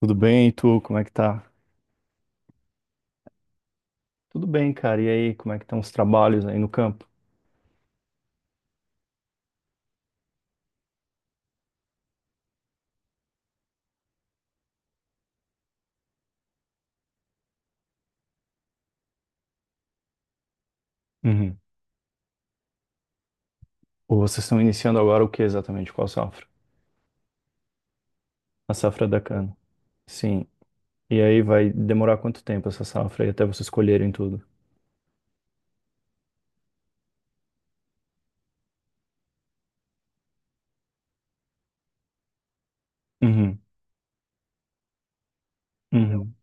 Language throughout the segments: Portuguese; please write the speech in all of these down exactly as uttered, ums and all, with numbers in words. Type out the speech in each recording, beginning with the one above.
Tudo bem, e tu? Como é que tá? Tudo bem, cara. E aí, como é que estão os trabalhos aí no campo? Uhum. Ou vocês estão iniciando agora o que exatamente? Qual safra? A safra da cana. Sim. E aí vai demorar quanto tempo essa safra aí até vocês colherem tudo? Uhum. Uhum.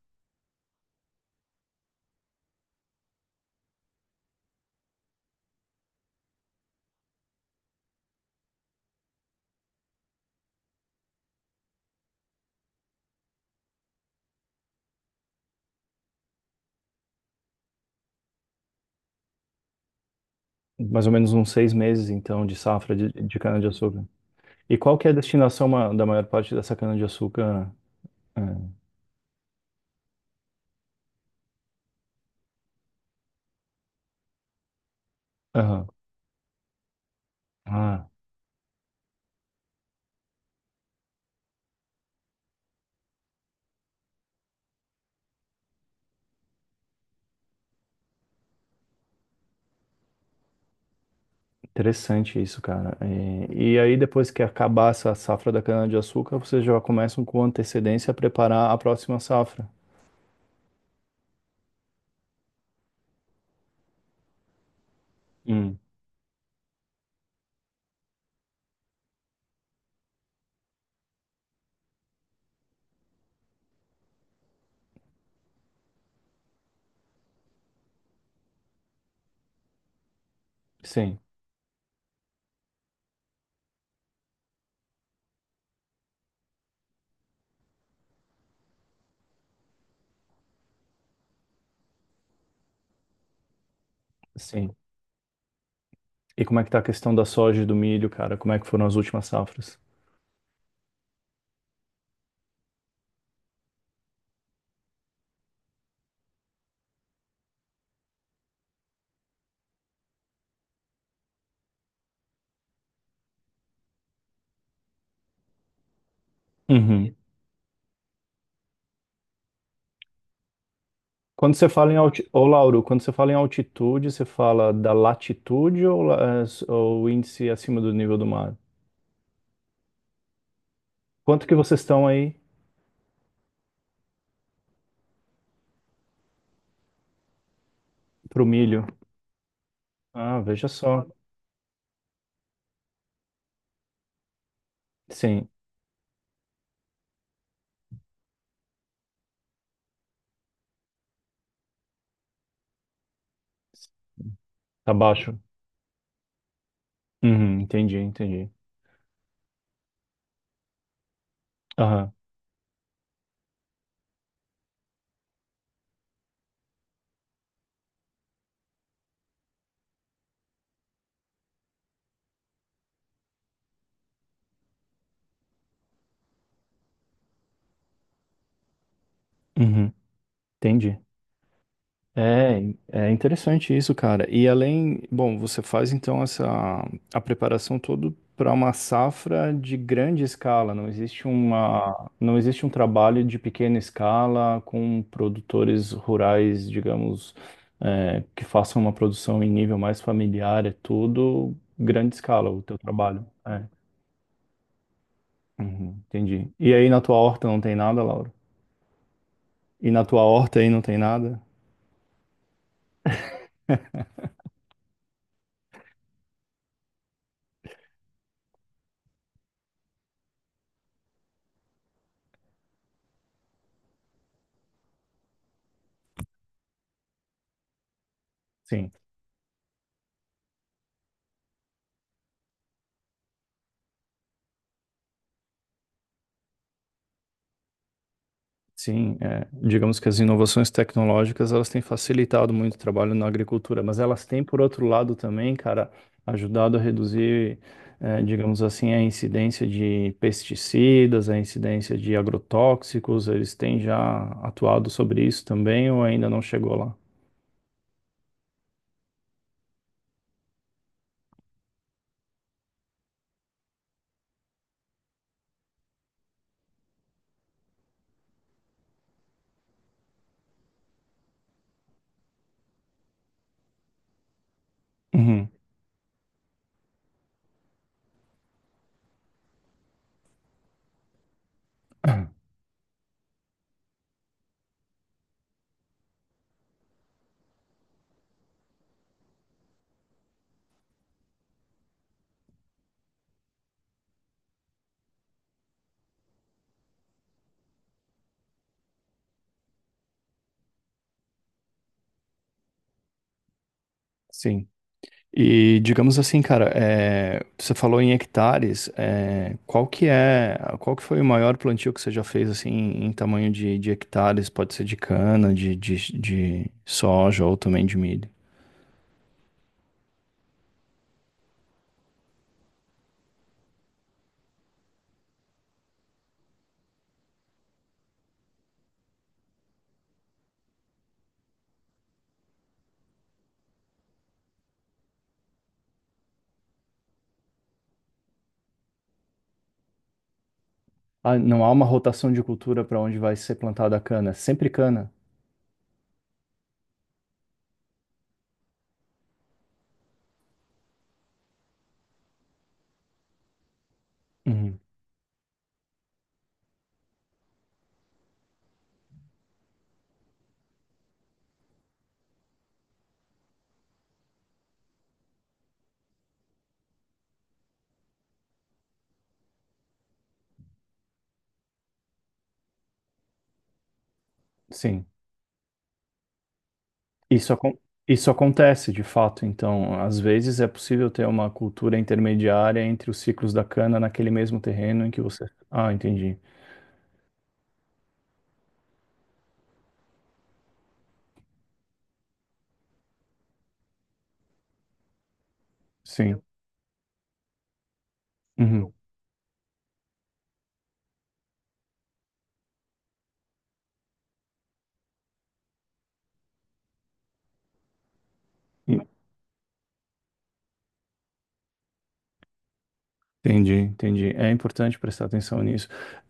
Mais ou menos uns seis meses, então, de safra de, de cana-de-açúcar. E qual que é a destinação ma- da maior parte dessa cana-de-açúcar? Ah. Aham. Ah. Interessante isso, cara. E, e aí, depois que acabar essa safra da cana-de-açúcar, vocês já começam com antecedência a preparar a próxima safra. Hum. Sim, sim. E como é que tá a questão da soja e do milho, cara? Como é que foram as últimas safras? Uhum. Quando você fala em altitude, ô Lauro, quando você fala em altitude, você fala da latitude ou, la- eh, s- ou índice acima do nível do mar? Quanto que vocês estão aí pro milho? Ah, veja só. Sim, tá baixo. Uhum, entendi, entendi. Aham. Uhum. Entendi. É, é interessante isso, cara. E além, bom, você faz então essa a preparação toda para uma safra de grande escala. Não existe uma, não existe um trabalho de pequena escala com produtores rurais, digamos, é, que façam uma produção em nível mais familiar. É tudo grande escala o teu trabalho. É. Uhum, entendi. E aí na tua horta não tem nada, Laura? E na tua horta aí não tem nada? Sim, é, digamos que as inovações tecnológicas elas têm facilitado muito o trabalho na agricultura, mas elas têm, por outro lado, também, cara, ajudado a reduzir, eh, digamos assim, a incidência de pesticidas, a incidência de agrotóxicos. Eles têm já atuado sobre isso também ou ainda não chegou lá? Uhum. Sim. E digamos assim, cara, é, você falou em hectares, é, qual que é, qual que foi o maior plantio que você já fez assim em tamanho de, de hectares? Pode ser de cana, de, de, de soja ou também de milho. Ah, não há uma rotação de cultura para onde vai ser plantada a cana, é sempre cana. Uhum. Sim, isso, acon- isso acontece de fato. Então, às vezes é possível ter uma cultura intermediária entre os ciclos da cana naquele mesmo terreno em que você. Ah, entendi. Sim. Uhum. Entendi, entendi. É importante prestar atenção nisso.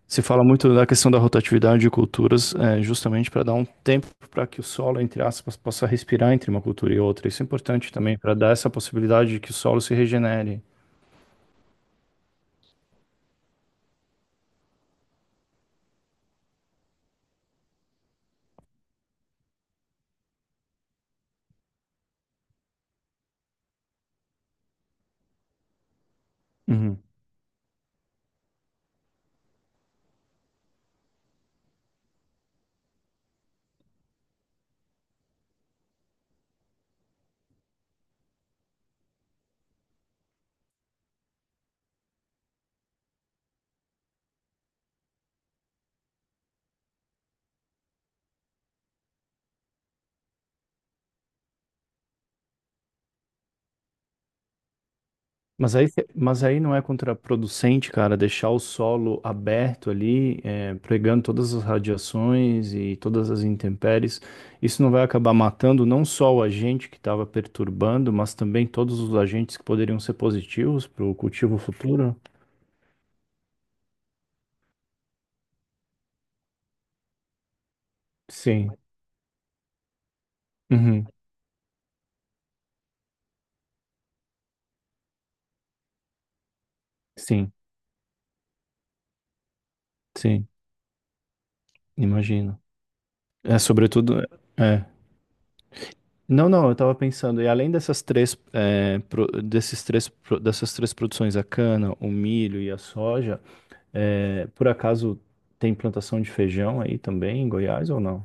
Se fala muito da questão da rotatividade de culturas, é, justamente para dar um tempo para que o solo, entre aspas, possa respirar entre uma cultura e outra. Isso é importante também para dar essa possibilidade de que o solo se regenere. Mas aí, mas aí não é contraproducente, cara, deixar o solo aberto ali, é, pregando todas as radiações e todas as intempéries. Isso não vai acabar matando não só o agente que estava perturbando, mas também todos os agentes que poderiam ser positivos para o cultivo futuro? Sim. Uhum. Sim, sim, imagino. É, sobretudo, é. Não, não, eu estava pensando, e além dessas três, é, pro- desses três, pro- dessas três produções, a cana, o milho e a soja. É, por acaso tem plantação de feijão aí também em Goiás ou não?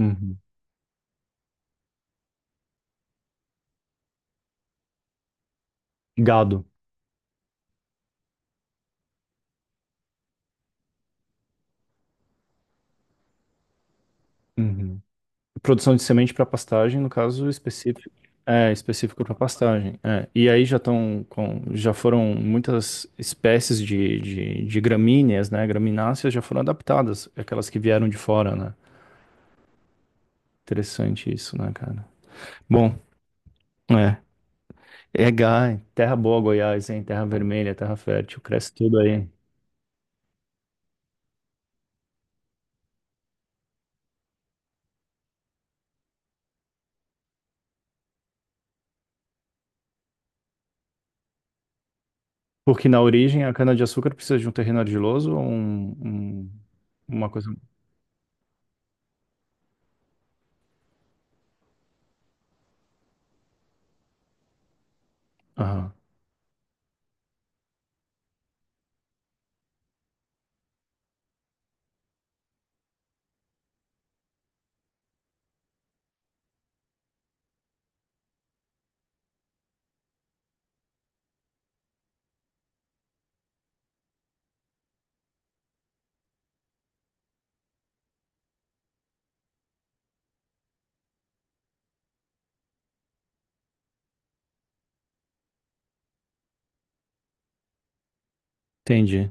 Uhum. Gado. Uhum. Produção de semente para pastagem, no caso específico. É, específico para pastagem. É. E aí já estão com, já foram muitas espécies de, de, de gramíneas, né? Gramináceas já foram adaptadas, aquelas que vieram de fora, né? Interessante isso, né, cara? Bom, é. É, Gai, terra boa, Goiás, hein? Terra vermelha, terra fértil, cresce tudo aí. Porque na origem a cana-de-açúcar precisa de um terreno argiloso ou um, um- uma coisa. Aham, entendi.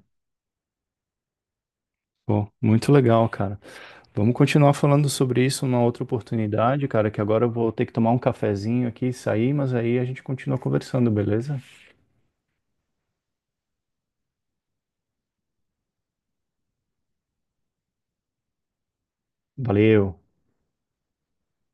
Pô, muito legal, cara. Vamos continuar falando sobre isso numa outra oportunidade, cara, que agora eu vou ter que tomar um cafezinho aqui e sair, mas aí a gente continua conversando, beleza? Valeu.